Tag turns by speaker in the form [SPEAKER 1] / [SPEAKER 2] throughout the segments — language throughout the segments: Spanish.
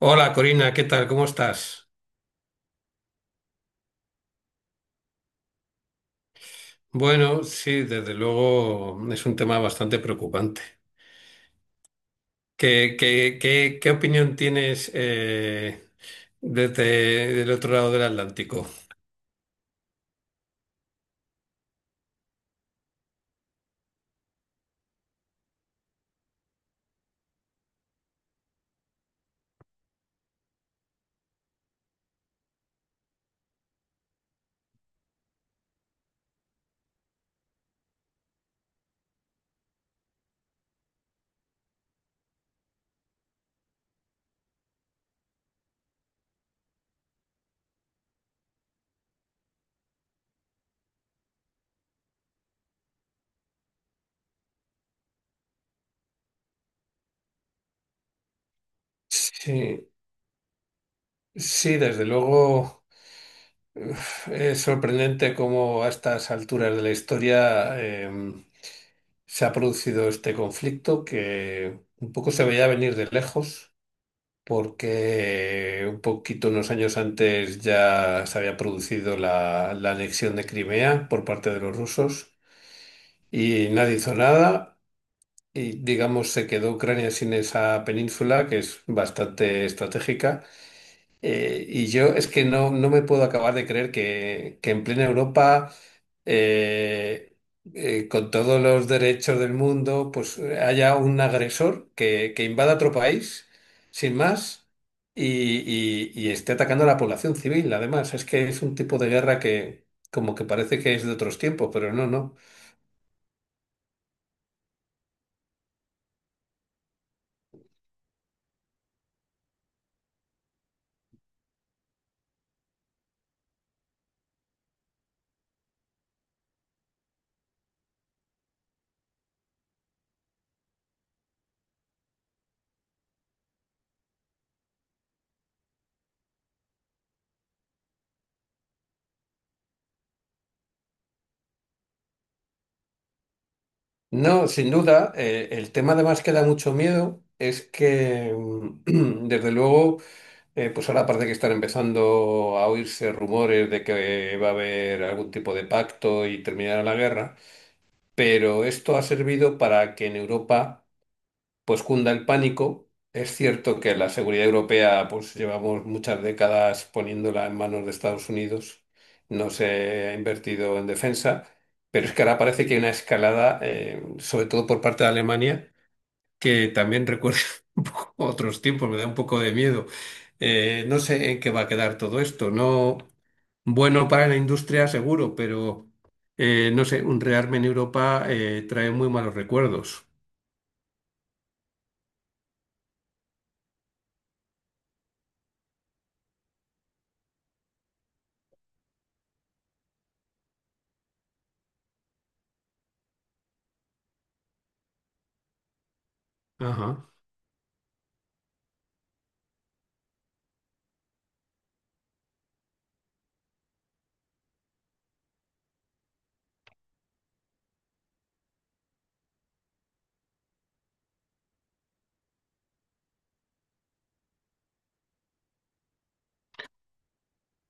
[SPEAKER 1] Hola Corina, ¿qué tal? ¿Cómo estás? Bueno, sí, desde luego es un tema bastante preocupante. ¿Qué opinión tienes desde el otro lado del Atlántico? Sí, sí, desde luego, uf, es sorprendente cómo a estas alturas de la historia se ha producido este conflicto que un poco se veía venir de lejos, porque un poquito unos años antes ya se había producido la anexión de Crimea por parte de los rusos y nadie hizo nada, y digamos se quedó Ucrania sin esa península que es bastante estratégica. Y yo es que no me puedo acabar de creer que en plena Europa, eh, con todos los derechos del mundo, pues haya un agresor que invada otro país, sin más, y esté atacando a la población civil. Además, es que es un tipo de guerra que como que parece que es de otros tiempos, pero no, no. No, sin duda, el tema además que da mucho miedo es que, desde luego, pues ahora parece que están empezando a oírse rumores de que va a haber algún tipo de pacto y terminará la guerra, pero esto ha servido para que en Europa pues cunda el pánico. Es cierto que la seguridad europea pues llevamos muchas décadas poniéndola en manos de Estados Unidos, no se ha invertido en defensa, pero es que ahora parece que hay una escalada, sobre todo por parte de Alemania, que también recuerda un poco otros tiempos, me da un poco de miedo. No sé en qué va a quedar todo esto. No, bueno, para la industria seguro, pero no sé, un rearme en Europa trae muy malos recuerdos. Ajá.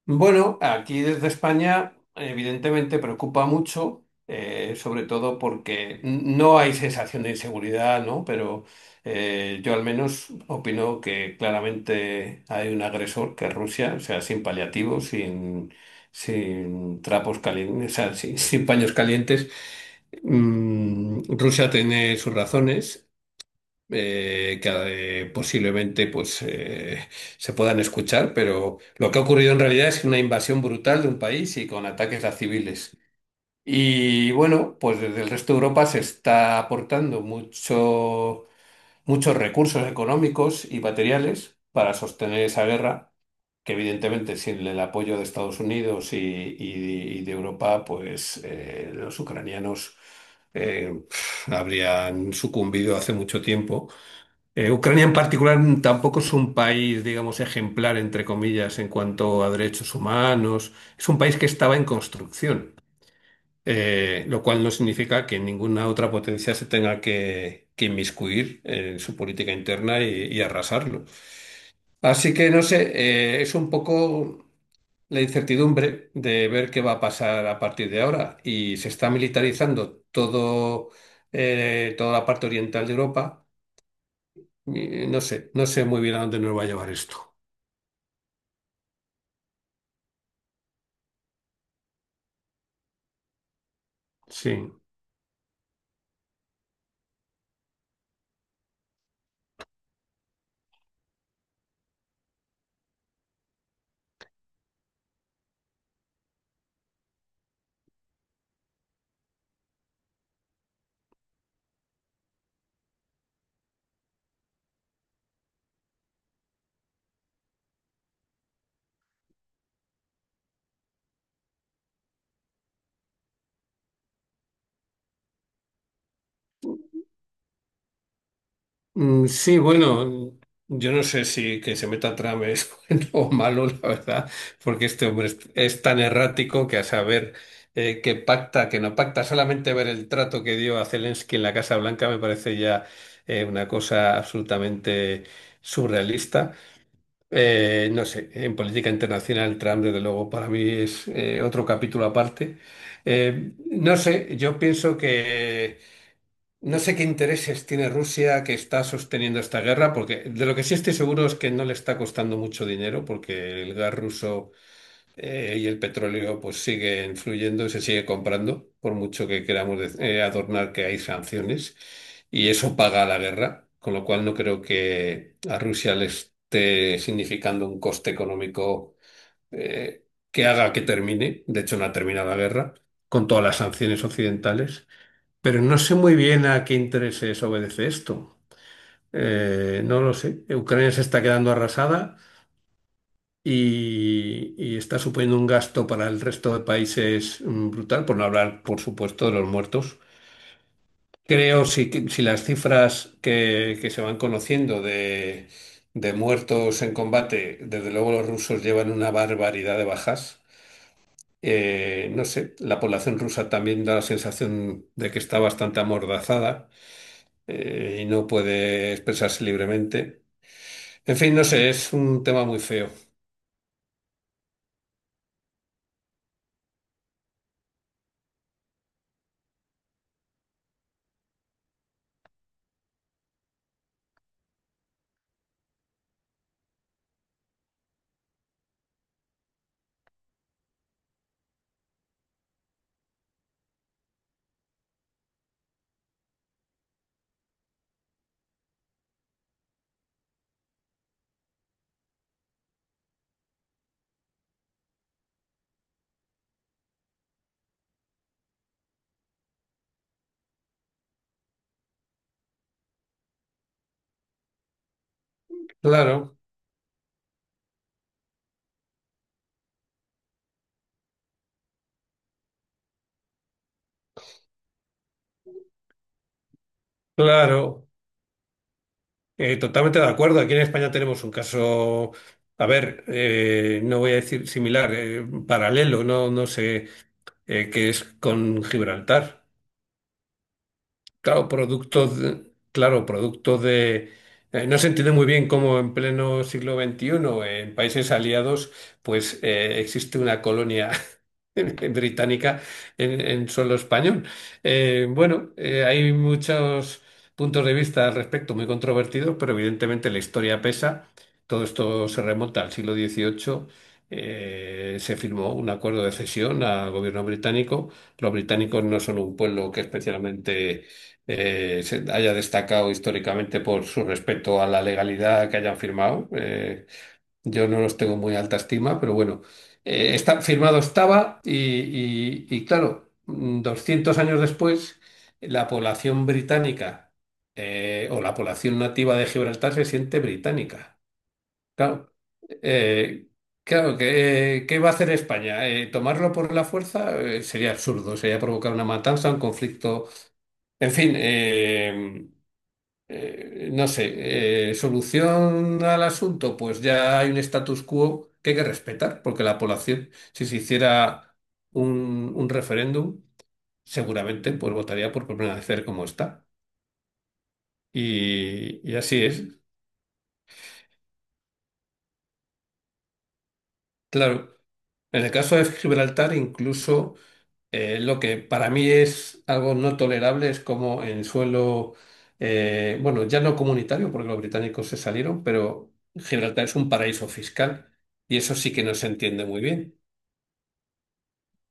[SPEAKER 1] Bueno, aquí desde España evidentemente preocupa mucho, sobre todo porque no hay sensación de inseguridad, ¿no? Pero yo al menos opino que claramente hay un agresor que es Rusia, o sea, sin paliativos, sin trapos calientes, o sea, sin, sin paños calientes. Rusia tiene sus razones que posiblemente pues, se puedan escuchar, pero lo que ha ocurrido en realidad es una invasión brutal de un país y con ataques a civiles. Y bueno, pues desde el resto de Europa se está aportando mucho, muchos recursos económicos y materiales para sostener esa guerra, que evidentemente sin el apoyo de Estados Unidos y de Europa, pues los ucranianos eh, habrían sucumbido hace mucho tiempo. Ucrania en particular tampoco es un país, digamos, ejemplar, entre comillas, en cuanto a derechos humanos. Es un país que estaba en construcción, lo cual no significa que ninguna otra potencia se tenga que inmiscuir en su política interna y arrasarlo. Así que, no sé, es un poco la incertidumbre de ver qué va a pasar a partir de ahora. Y se está militarizando todo, toda la parte oriental de Europa. No sé, no sé muy bien a dónde nos va a llevar esto. Sí. Sí, bueno, yo no sé si que se meta Trump es bueno o malo, la verdad, porque este hombre es tan errático que a saber que pacta, que no pacta. Solamente ver el trato que dio a Zelensky en la Casa Blanca me parece ya una cosa absolutamente surrealista. No sé, en política internacional Trump, desde luego, para mí es otro capítulo aparte. No sé, yo pienso que no sé qué intereses tiene Rusia, que está sosteniendo esta guerra, porque de lo que sí estoy seguro es que no le está costando mucho dinero, porque el gas ruso y el petróleo pues sigue influyendo y se sigue comprando, por mucho que queramos adornar que hay sanciones, y eso paga la guerra, con lo cual no creo que a Rusia le esté significando un coste económico eh, que haga que termine. De hecho, no ha terminado la guerra, con todas las sanciones occidentales, pero no sé muy bien a qué intereses obedece esto. No lo sé. Ucrania se está quedando arrasada, y está suponiendo un gasto para el resto de países, brutal, por no hablar, por supuesto, de los muertos. Creo si, si las cifras que se van conociendo de muertos en combate, desde luego los rusos llevan una barbaridad de bajas. No sé, la población rusa también da la sensación de que está bastante amordazada, y no puede expresarse libremente. En fin, no sé, es un tema muy feo. Claro, claro. Totalmente de acuerdo. Aquí en España tenemos un caso, a ver, no voy a decir similar, paralelo, no, no sé, que es con Gibraltar. Claro, producto de, no se entiende muy bien cómo en pleno siglo XXI, en países aliados, pues existe una colonia británica en suelo español. Bueno, hay muchos puntos de vista al respecto muy controvertidos, pero evidentemente la historia pesa. Todo esto se remonta al siglo XVIII. Se firmó un acuerdo de cesión al gobierno británico. Los británicos no son un pueblo que especialmente se haya destacado históricamente por su respeto a la legalidad que hayan firmado. Yo no los tengo muy alta estima, pero bueno, firmado estaba, y claro, 200 años después, la población británica o la población nativa de Gibraltar se siente británica. Claro, eh, claro, ¿qué va a hacer España? ¿Tomarlo por la fuerza? Sería absurdo, sería provocar una matanza, un conflicto. En fin, no sé, solución al asunto, pues ya hay un status quo que hay que respetar, porque la población, si se hiciera un referéndum, seguramente pues votaría por permanecer como está. Y así es. Claro, en el caso de Gibraltar, incluso... Lo que para mí es algo no tolerable es como en suelo, bueno, ya no comunitario, porque los británicos se salieron, pero Gibraltar es un paraíso fiscal y eso sí que no se entiende muy bien.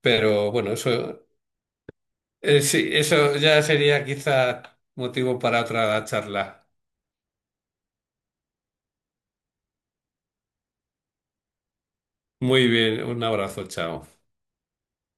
[SPEAKER 1] Pero bueno, sí, eso ya sería quizá motivo para otra charla. Muy bien, un abrazo, chao.